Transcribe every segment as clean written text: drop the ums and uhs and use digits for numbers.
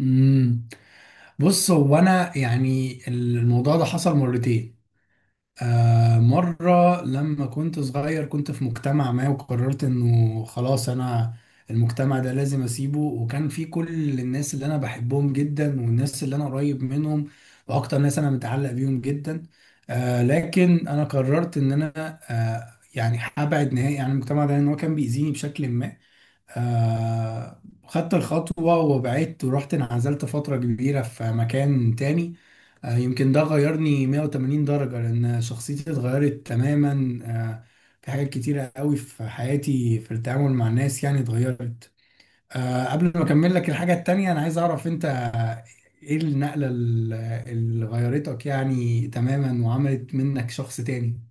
امم بص، هو انا يعني الموضوع ده حصل مرتين. مره لما كنت صغير، كنت في مجتمع ما، وقررت انه خلاص انا المجتمع ده لازم اسيبه. وكان في كل الناس اللي انا بحبهم جدا، والناس اللي انا قريب منهم، واكتر ناس انا متعلق بيهم جدا. لكن انا قررت ان انا يعني هبعد نهائي عن المجتمع ده، لان هو كان بيأذيني بشكل ما. خدت الخطوة وبعدت ورحت انعزلت فترة كبيرة في مكان تاني. يمكن ده غيرني 180 درجة، لأن شخصيتي اتغيرت تماما. في حاجات كتيرة قوي في حياتي في التعامل مع الناس يعني اتغيرت. قبل ما أكمل لك الحاجة التانية، أنا عايز أعرف أنت إيه النقلة اللي غيرتك يعني تماما وعملت منك شخص تاني؟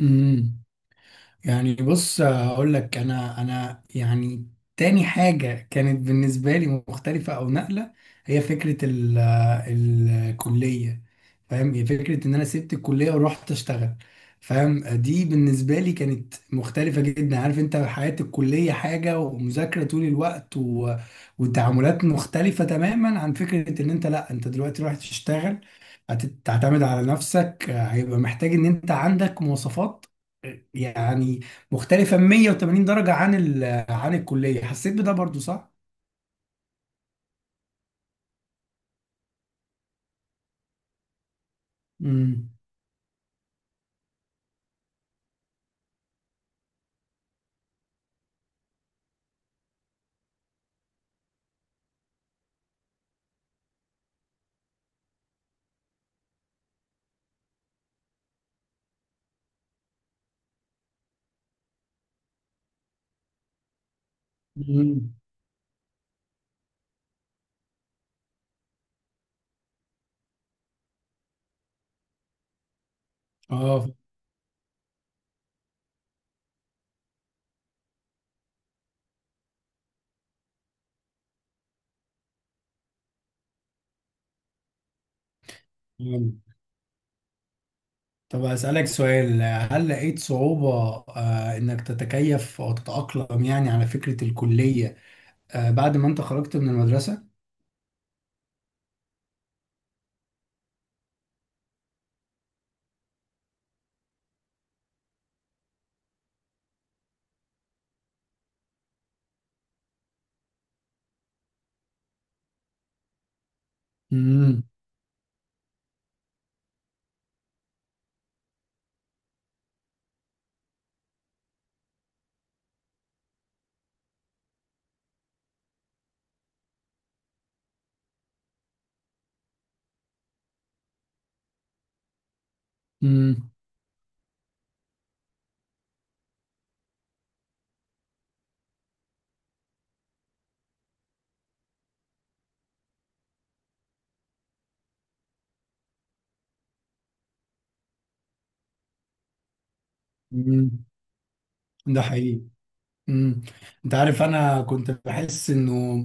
امم يعني بص، هقول لك انا يعني تاني حاجة كانت بالنسبة لي مختلفة او نقلة، هي فكرة الكلية. فاهم، هي فكرة ان انا سبت الكلية ورحت اشتغل. فاهم، دي بالنسبة لي كانت مختلفة جدا. عارف انت حياة الكلية حاجة ومذاكرة طول الوقت، وتعاملات مختلفة تماما عن فكرة ان انت، لا انت دلوقتي رايح تشتغل، هتعتمد على نفسك، هيبقى محتاج ان انت عندك مواصفات يعني مختلفة 180 درجة عن عن الكلية. حسيت بده برضو، صح؟ امم. امم. اه، فهمت. طب أسألك سؤال، هل لقيت صعوبة إنك تتكيف أو تتأقلم يعني على فكرة الكلية بعد ما أنت خرجت من المدرسة؟ امم. امم. امم. ده حقيقي. امم أنت عارف، أنا كنت بحس إنه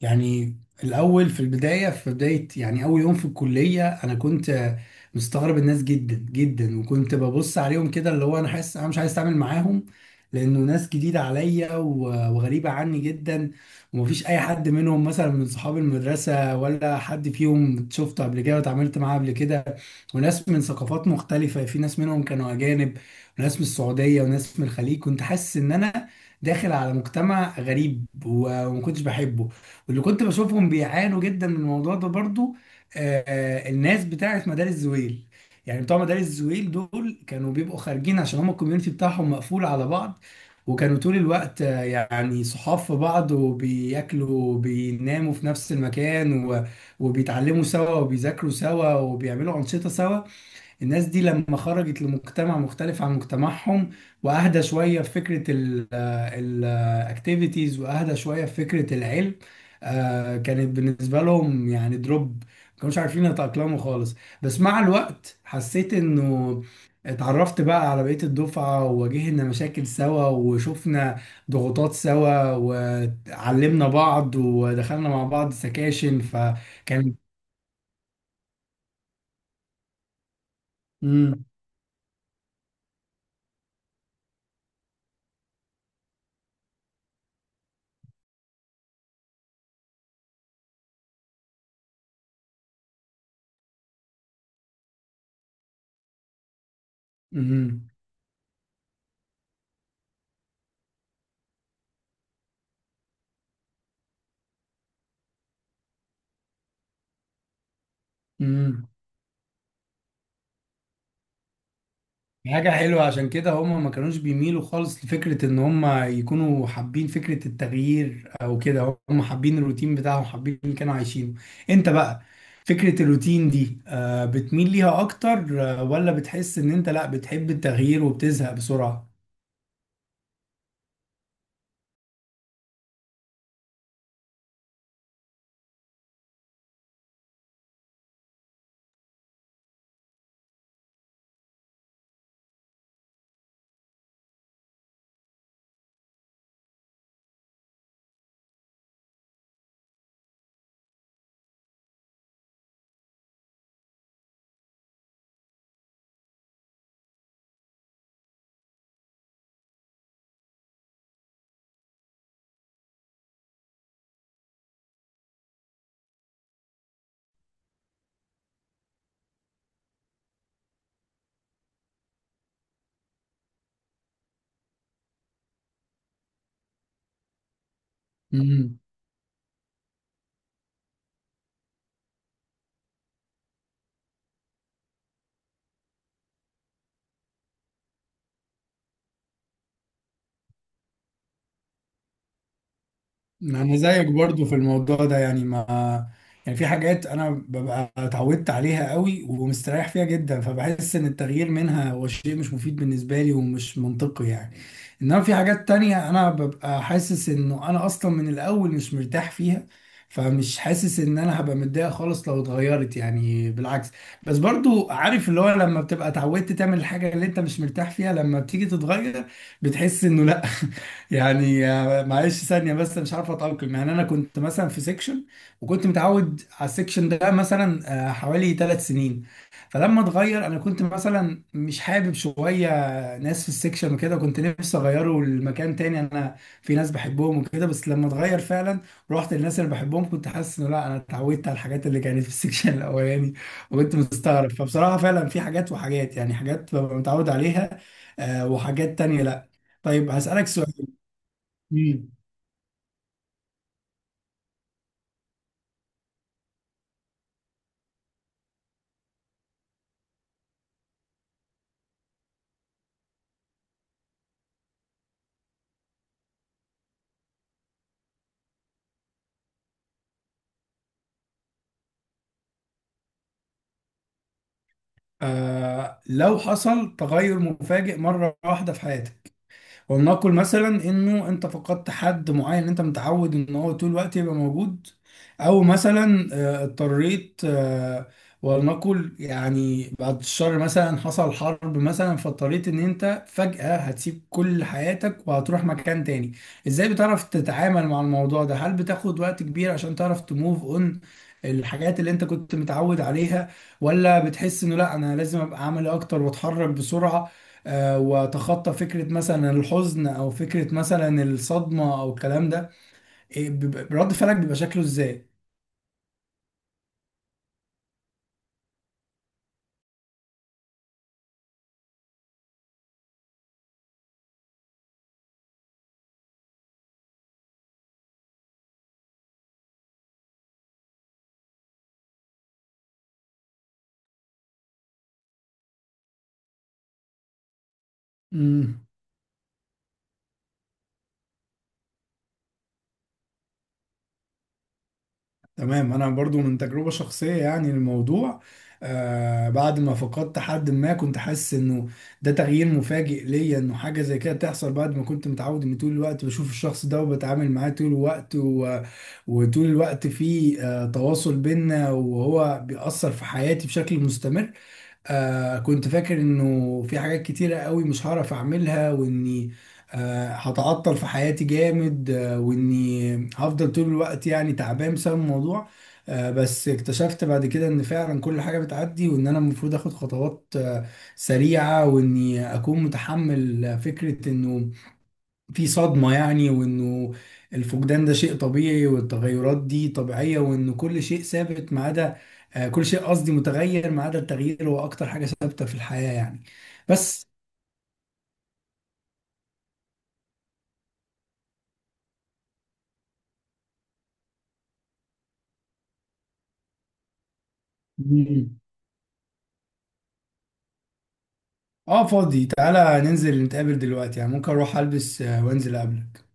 يعني الأول في البداية، في بداية يعني أول يوم في الكلية أنا كنت مستغرب الناس جدا جدا، وكنت ببص عليهم كده، اللي هو أنا حاسس أنا مش عايز أتعامل معاهم، لأنه ناس جديدة عليا وغريبة عني جدا، ومفيش أي حد منهم مثلا من صحاب المدرسة، ولا حد فيهم شفته قبل كده واتعاملت معاه قبل كده، وناس من ثقافات مختلفة، في ناس منهم كانوا أجانب، وناس من السعودية، وناس من الخليج. كنت حاسس إن أنا داخل على مجتمع غريب وما كنتش بحبه، واللي كنت بشوفهم بيعانوا جدا من الموضوع ده برضو الناس بتاعت مدارس زويل. يعني بتوع مدارس زويل دول كانوا بيبقوا خارجين، عشان هم الكوميونتي بتاعهم مقفول على بعض، وكانوا طول الوقت يعني صحاب في بعض، وبياكلوا وبيناموا في نفس المكان، وبيتعلموا سوا، وبيذاكروا سوا، وبيعملوا أنشطة سوا. الناس دي لما خرجت لمجتمع مختلف عن مجتمعهم، واهدى شويه في فكره الاكتيفيتيز، واهدى شويه في فكره العلم، كانت بالنسبه لهم يعني دروب، ما كانوش عارفين يتاقلموا خالص. بس مع الوقت حسيت انه اتعرفت بقى على بقية الدفعة، وواجهنا مشاكل سوا، وشفنا ضغوطات سوا، وعلمنا بعض، ودخلنا مع بعض سكاشن فكان مم. مم. مم. حاجة حلوة. عشان كده هم ما كانوش بيميلوا خالص لفكرة ان هم يكونوا حابين فكرة التغيير، او كده هم حابين الروتين بتاعهم، حابين اللي كانوا عايشينه. انت بقى فكرة الروتين دي بتميل ليها اكتر، ولا بتحس ان انت لا بتحب التغيير وبتزهق بسرعة؟ انا زيك برضو في الموضوع ده، يعني ما يعني في حاجات انا ببقى اتعودت عليها قوي ومستريح فيها جدا، فبحس ان التغيير منها هو شيء مش مفيد بالنسبه لي ومش منطقي يعني. انما في حاجات تانية انا ببقى حاسس انه انا اصلا من الاول مش مرتاح فيها، فمش حاسس ان انا هبقى متضايق خالص لو اتغيرت، يعني بالعكس. بس برضو عارف اللي هو لما بتبقى اتعودت تعمل الحاجه اللي انت مش مرتاح فيها، لما بتيجي تتغير بتحس انه لا. يعني معلش ثانية، بس مش عارف أتأقلم. يعني أنا كنت مثلا في سيكشن، وكنت متعود على السيكشن ده مثلا حوالي 3 سنين. فلما اتغير أنا كنت مثلا مش حابب شوية ناس في السيكشن وكده، كنت نفسي أغيره لمكان تاني، أنا في ناس بحبهم وكده. بس لما اتغير فعلا رحت للناس اللي بحبهم، كنت حاسس إنه لا، أنا اتعودت على الحاجات اللي كانت في السيكشن الأولاني، وكنت مستغرب. فبصراحة فعلا في حاجات وحاجات، يعني حاجات ببقى متعود عليها وحاجات تانية لا. طيب، هسألك سؤال. مم. لو حصل تغير مفاجئ مرة واحدة في حياتك، ولنقل مثلا انه انت فقدت حد معين انت متعود ان هو طول الوقت يبقى موجود، او مثلا اضطريت، ولنقل يعني بعد الشر، مثلا حصل حرب مثلا، فاضطريت ان انت فجأة هتسيب كل حياتك وهتروح مكان تاني، ازاي بتعرف تتعامل مع الموضوع ده؟ هل بتاخد وقت كبير عشان تعرف تموف اون الحاجات اللي انت كنت متعود عليها، ولا بتحس انه لا انا لازم ابقى عملي اكتر واتحرك بسرعة، واتخطى فكره مثلا الحزن او فكره مثلا الصدمه او الكلام ده؟ إيه، رد فعلك بيبقى شكله ازاي؟ امم. تمام، انا برضو من تجربه شخصيه، يعني الموضوع بعد ما فقدت حد، ما كنت حاسس انه ده تغيير مفاجئ ليا، انه حاجه زي كده تحصل بعد ما كنت متعود ان طول الوقت بشوف الشخص ده وبتعامل معاه طول الوقت، وطول الوقت في تواصل بينا، وهو بيأثر في حياتي بشكل مستمر. كنت فاكر انه في حاجات كتيرة قوي مش هعرف اعملها، واني هتعطل في حياتي جامد، واني هفضل طول الوقت يعني تعبان بسبب الموضوع. بس اكتشفت بعد كده ان فعلا كل حاجة بتعدي، وان انا المفروض اخد خطوات سريعة، واني اكون متحمل فكرة انه في صدمة يعني، وإنه الفقدان ده شيء طبيعي، والتغيرات دي طبيعية، وإنه كل شيء ثابت ما عدا كل شيء قصدي متغير، ما عدا التغيير هو أكتر حاجة ثابتة في الحياة يعني. بس. مم. فاضي، تعالى ننزل نتقابل دلوقتي، يعني ممكن أروح ألبس وأنزل أقابلك.